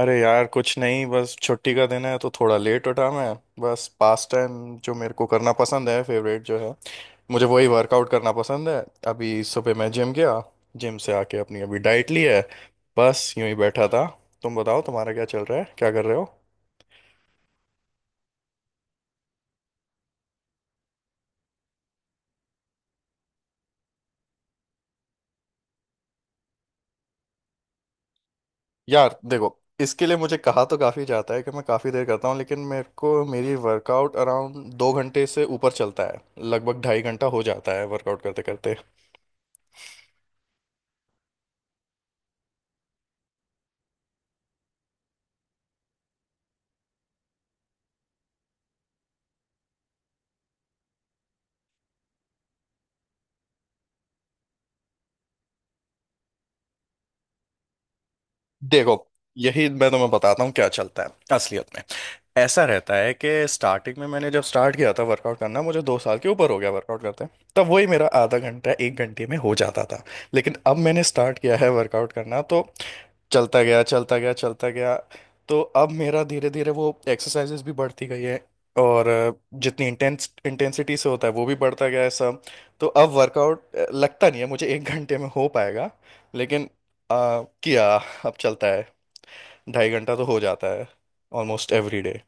अरे यार, कुछ नहीं। बस छुट्टी का दिन है तो थोड़ा लेट उठा मैं। बस पास टाइम जो मेरे को करना पसंद है, फेवरेट जो है मुझे, वही वर्कआउट करना पसंद है। अभी सुबह मैं जिम गया। जिम से आके अपनी अभी डाइट ली है। बस यूं ही बैठा था। तुम बताओ, तुम्हारा क्या चल रहा है, क्या कर रहे हो। यार देखो, इसके लिए मुझे कहा तो काफ़ी जाता है कि मैं काफ़ी देर करता हूँ, लेकिन मेरे को मेरी वर्कआउट अराउंड 2 घंटे से ऊपर चलता है। लगभग 2.5 घंटा हो जाता है वर्कआउट करते करते। देखो, यही मैं तुम्हें बताता हूँ क्या चलता है असलियत में। ऐसा रहता है कि स्टार्टिंग में, मैंने जब स्टार्ट किया था वर्कआउट करना, मुझे 2 साल के ऊपर हो गया वर्कआउट करते हैं। तब वही मेरा आधा घंटा एक घंटे में हो जाता था। लेकिन अब मैंने स्टार्ट किया है वर्कआउट करना तो चलता गया, चलता गया, चलता गया। तो अब मेरा धीरे धीरे वो एक्सरसाइजेस भी बढ़ती गई है। और जितनी इंटेंस इंटेंसिटी से होता है वो भी बढ़ता गया है सब। तो अब वर्कआउट लगता नहीं है मुझे एक घंटे में हो पाएगा। लेकिन किया। अब चलता है। 2.5 घंटा तो हो जाता है, ऑलमोस्ट एवरी डे।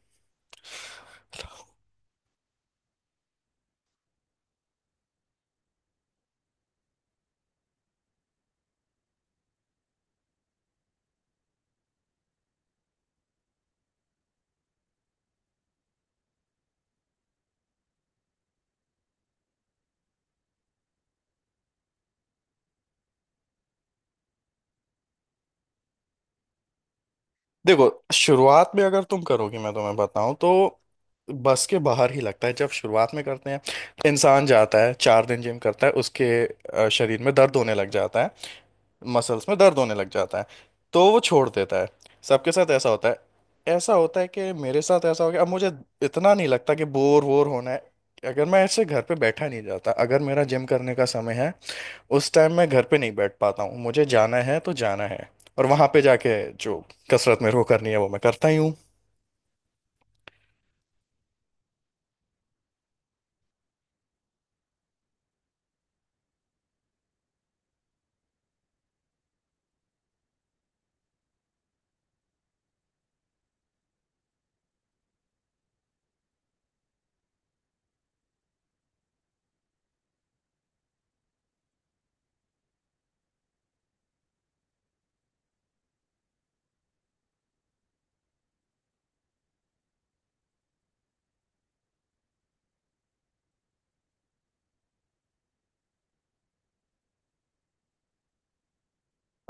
देखो, शुरुआत में अगर तुम करोगे, मैं तुम्हें बताऊं तो बस के बाहर ही लगता है जब शुरुआत में करते हैं। इंसान जाता है, 4 दिन जिम करता है, उसके शरीर में दर्द होने लग जाता है। मसल्स में दर्द होने लग जाता है। तो वो छोड़ देता है। सबके साथ ऐसा होता है। ऐसा होता है कि मेरे साथ ऐसा हो गया। अब मुझे इतना नहीं लगता कि बोर वोर होना है। अगर मैं ऐसे घर पे बैठा नहीं जाता, अगर मेरा जिम करने का समय है, उस टाइम मैं घर पे नहीं बैठ पाता हूँ। मुझे जाना है तो जाना है। और वहां पे जाके जो कसरत मेरे को करनी है वो मैं करता ही हूँ।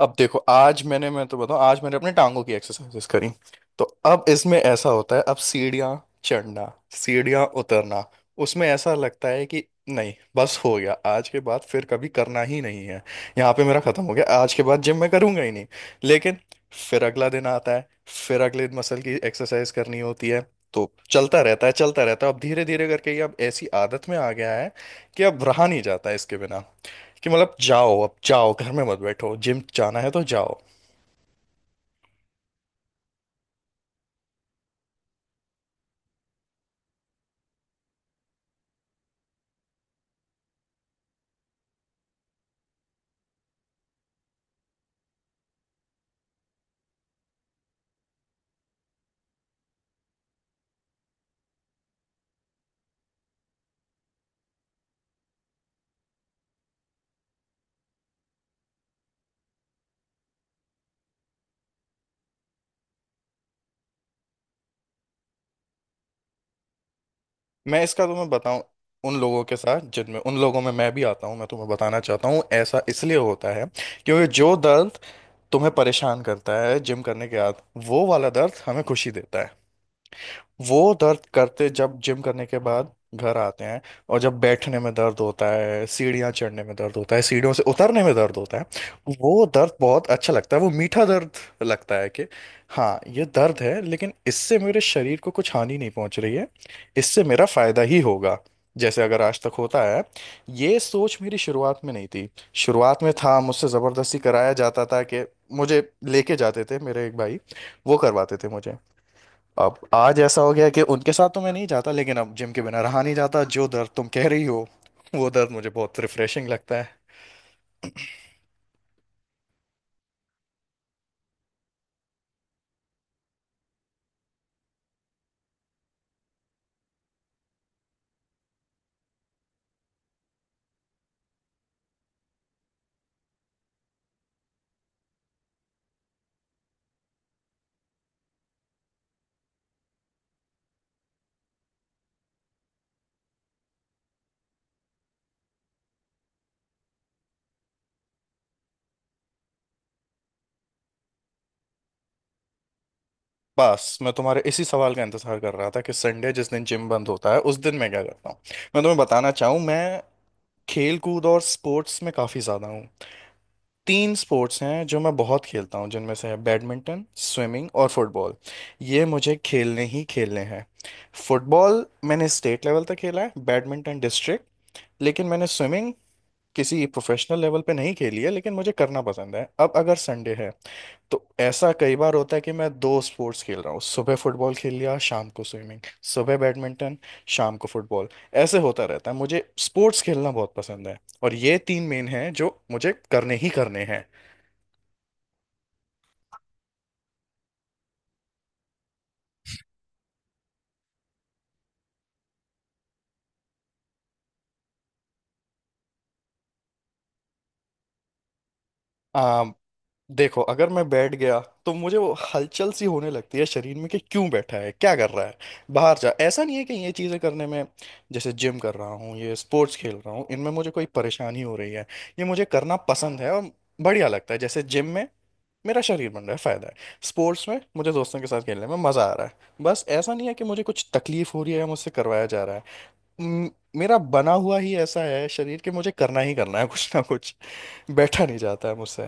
अब देखो, आज मैंने, मैं तो बताऊं, आज मैंने अपने टांगों की एक्सरसाइजेस करी। तो अब इसमें ऐसा होता है, अब सीढ़ियाँ चढ़ना, सीढ़ियाँ उतरना, उसमें ऐसा लगता है कि नहीं, बस हो गया, आज के बाद फिर कभी करना ही नहीं है। यहाँ पे मेरा खत्म हो गया, आज के बाद जिम मैं करूंगा ही नहीं। लेकिन फिर अगला दिन आता है, फिर अगले मसल की एक्सरसाइज करनी होती है। तो चलता रहता है, चलता रहता है। अब धीरे धीरे करके ये अब ऐसी आदत में आ गया है कि अब रहा नहीं जाता इसके बिना। कि मतलब, जाओ अब, जाओ, घर में मत बैठो, जिम जाना है तो जाओ। मैं इसका तुम्हें बताऊं, उन लोगों के साथ, जिनमें उन लोगों में मैं भी आता हूं, मैं तुम्हें बताना चाहता हूं ऐसा इसलिए होता है क्योंकि जो दर्द तुम्हें परेशान करता है जिम करने के बाद, वो वाला दर्द हमें खुशी देता है। वो दर्द करते जब जिम करने के बाद घर आते हैं, और जब बैठने में दर्द होता है, सीढ़ियाँ चढ़ने में दर्द होता है, सीढ़ियों से उतरने में दर्द होता है, वो दर्द बहुत अच्छा लगता है, वो मीठा दर्द। लगता है कि हाँ, ये दर्द है, लेकिन इससे मेरे शरीर को कुछ हानि नहीं पहुंच रही है। इससे मेरा फायदा ही होगा, जैसे अगर आज तक होता है। ये सोच मेरी शुरुआत में नहीं थी। शुरुआत में था, मुझसे ज़बरदस्ती कराया जाता था कि मुझे लेके जाते थे मेरे एक भाई, वो करवाते थे मुझे। अब आज ऐसा हो गया कि उनके साथ तो मैं नहीं जाता, लेकिन अब जिम के बिना रहा नहीं जाता। जो दर्द तुम कह रही हो, वो दर्द मुझे बहुत रिफ्रेशिंग लगता है। बस मैं तुम्हारे इसी सवाल का इंतजार कर रहा था कि संडे, जिस दिन जिम बंद होता है, उस दिन मैं क्या करता हूँ। मैं तुम्हें बताना चाहूँ, मैं खेल कूद और स्पोर्ट्स में काफ़ी ज़्यादा हूँ। 3 स्पोर्ट्स हैं जो मैं बहुत खेलता हूँ, जिनमें से है बैडमिंटन, स्विमिंग और फुटबॉल। ये मुझे खेलने ही खेलने हैं। फुटबॉल मैंने स्टेट लेवल तक खेला है, बैडमिंटन डिस्ट्रिक्ट। लेकिन मैंने स्विमिंग किसी प्रोफेशनल लेवल पे नहीं खेली है, लेकिन मुझे करना पसंद है। अब अगर संडे है तो ऐसा कई बार होता है कि मैं 2 स्पोर्ट्स खेल रहा हूँ। सुबह फुटबॉल खेल लिया, शाम को स्विमिंग। सुबह बैडमिंटन, शाम को फुटबॉल। ऐसे होता रहता है। मुझे स्पोर्ट्स खेलना बहुत पसंद है। और ये 3 मेन हैं जो मुझे करने ही करने हैं। देखो, अगर मैं बैठ गया तो मुझे वो हलचल सी होने लगती है शरीर में कि क्यों बैठा है, क्या कर रहा है, बाहर जा। ऐसा नहीं है कि ये चीज़ें करने में, जैसे जिम कर रहा हूँ, ये स्पोर्ट्स खेल रहा हूँ, इनमें मुझे कोई परेशानी हो रही है। ये मुझे करना पसंद है और बढ़िया लगता है। जैसे जिम में मेरा शरीर बन रहा है, फायदा है। स्पोर्ट्स में मुझे दोस्तों के साथ खेलने में मजा आ रहा है। बस ऐसा नहीं है कि मुझे कुछ तकलीफ हो रही है या मुझसे करवाया जा रहा है। म- मेरा बना हुआ ही ऐसा है शरीर कि मुझे करना ही करना है कुछ ना कुछ। बैठा नहीं जाता है मुझसे।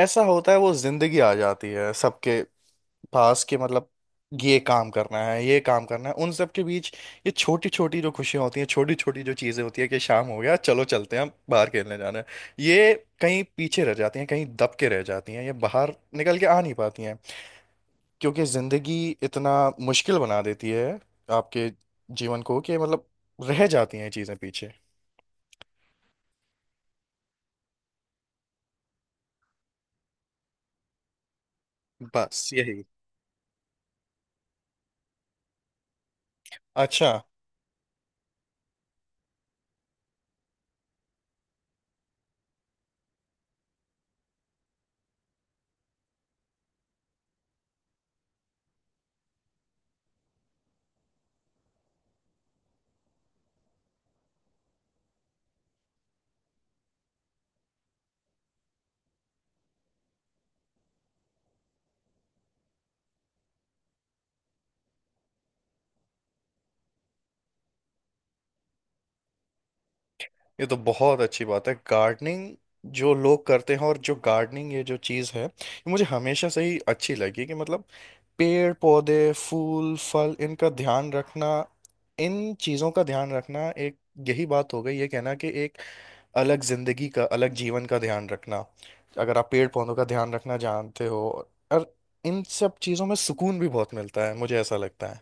ऐसा होता है, वो जिंदगी आ जाती है सबके पास। कि मतलब, ये काम करना है, ये काम करना है, उन सब के बीच ये छोटी छोटी जो खुशियां होती हैं, छोटी छोटी जो चीजें होती है कि शाम हो गया, चलो चलते हैं, हम बाहर खेलने जाना है, ये कहीं पीछे रह जाती हैं, कहीं दब के रह जाती हैं, ये बाहर निकल के आ नहीं पाती हैं। क्योंकि जिंदगी इतना मुश्किल बना देती है आपके जीवन को कि मतलब रह जाती हैं ये चीजें पीछे। बस यही। अच्छा, ये तो बहुत अच्छी बात है गार्डनिंग। जो लोग करते हैं, और जो गार्डनिंग, ये जो चीज़ है, ये मुझे हमेशा से ही अच्छी लगी। कि मतलब, पेड़ पौधे फूल फल, इनका ध्यान रखना, इन चीज़ों का ध्यान रखना एक, यही बात हो गई ये कहना कि एक अलग जिंदगी का, अलग जीवन का ध्यान रखना, अगर आप पेड़ पौधों का ध्यान रखना जानते हो। और इन सब चीज़ों में सुकून भी बहुत मिलता है, मुझे ऐसा लगता है।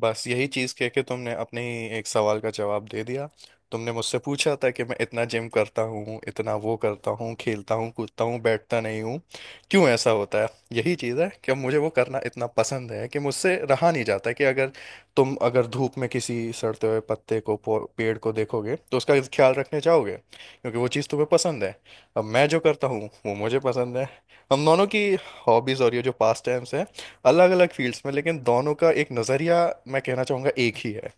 बस यही चीज़ कह के तुमने अपने ही एक सवाल का जवाब दे दिया। तुमने मुझसे पूछा था कि मैं इतना जिम करता हूँ, इतना वो करता हूँ, खेलता हूँ, कूदता हूँ, बैठता नहीं हूँ, क्यों ऐसा होता है। यही चीज़ है कि मुझे वो करना इतना पसंद है कि मुझसे रहा नहीं जाता। कि अगर तुम, अगर धूप में किसी सड़ते हुए पत्ते को, पेड़ को देखोगे तो उसका ख्याल रखने जाओगे, क्योंकि वो चीज़ तुम्हें पसंद है। अब मैं जो करता हूँ वो मुझे पसंद है। हम दोनों की हॉबीज़ और ये जो पास टाइम्स है, अलग अलग फील्ड्स में, लेकिन दोनों का एक नजरिया, मैं कहना चाहूंगा, एक ही है।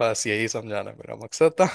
बस यही समझाना मेरा मकसद था।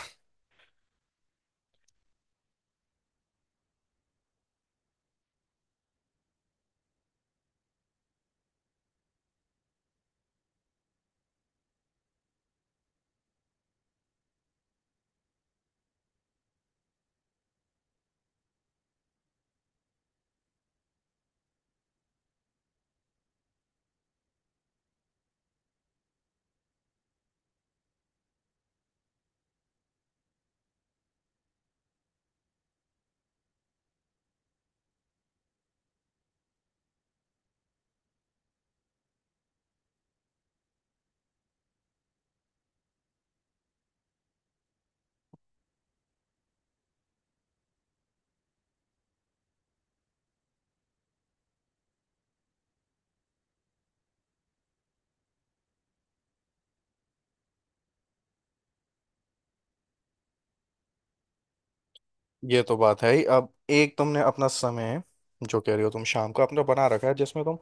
ये तो बात है ही। अब एक, तुमने अपना समय, जो कह रही हो तुम, शाम को अपना बना रखा है, जिसमें तुम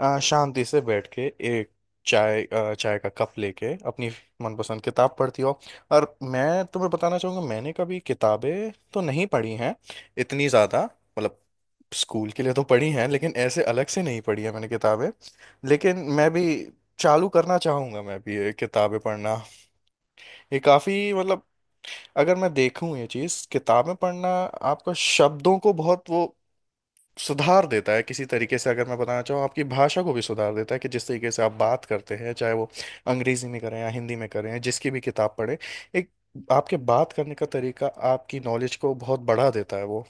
शांति से बैठ के एक चाय, चाय का कप लेके अपनी मनपसंद किताब पढ़ती हो। और मैं तुम्हें बताना चाहूँगा, मैंने कभी किताबें तो नहीं पढ़ी हैं इतनी ज़्यादा। मतलब स्कूल के लिए तो पढ़ी हैं, लेकिन ऐसे अलग से नहीं पढ़ी है मैंने किताबें। लेकिन मैं भी चालू करना चाहूँगा, मैं भी ये किताबें पढ़ना। ये काफ़ी, मतलब अगर मैं देखूँ ये चीज़ किताबें पढ़ना, आपको शब्दों को बहुत वो सुधार देता है किसी तरीके से। अगर मैं बताना चाहूँ, आपकी भाषा को भी सुधार देता है, कि जिस तरीके से आप बात करते हैं, चाहे वो अंग्रेजी में करें या हिंदी में करें, जिसकी भी किताब पढ़ें, एक आपके बात करने का तरीका, आपकी नॉलेज को बहुत बढ़ा देता है वो।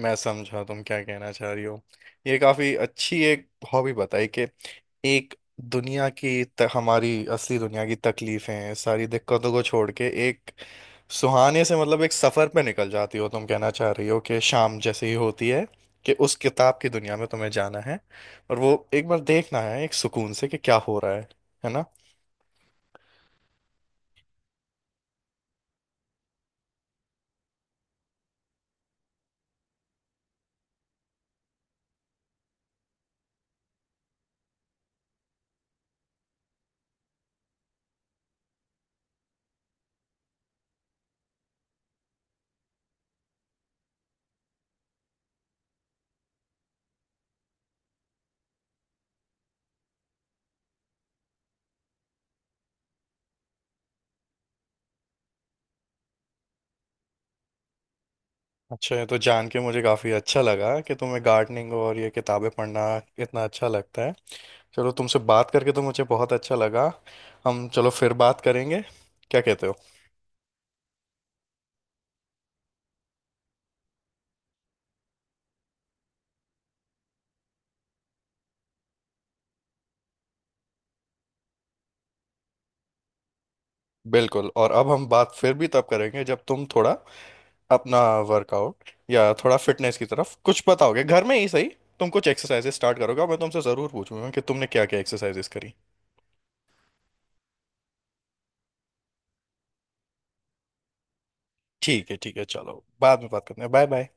मैं समझा तुम क्या कहना चाह रही हो। ये काफी अच्छी एक हॉबी बताई कि एक दुनिया की हमारी असली दुनिया की तकलीफें, सारी दिक्कतों को छोड़ के एक सुहाने से, मतलब एक सफर पे निकल जाती हो। तुम कहना चाह रही हो कि शाम जैसे ही होती है कि उस किताब की दुनिया में तुम्हें जाना है, और वो एक बार देखना है एक सुकून से कि क्या हो रहा है ना। अच्छा, ये तो जान के मुझे काफी अच्छा लगा कि तुम्हें गार्डनिंग और ये किताबें पढ़ना इतना अच्छा लगता है। चलो, तुमसे बात करके तो मुझे बहुत अच्छा लगा। हम, चलो फिर बात करेंगे, क्या कहते हो। बिल्कुल। और अब हम बात फिर भी तब करेंगे जब तुम थोड़ा अपना वर्कआउट या थोड़ा फिटनेस की तरफ कुछ बताओगे, घर में ही सही। तुम कुछ एक्सरसाइजेस स्टार्ट करोगे और मैं तुमसे ज़रूर पूछूंगा कि तुमने क्या क्या एक्सरसाइजेस करी। ठीक है, ठीक है, चलो बाद में बात करते हैं, बाय बाय।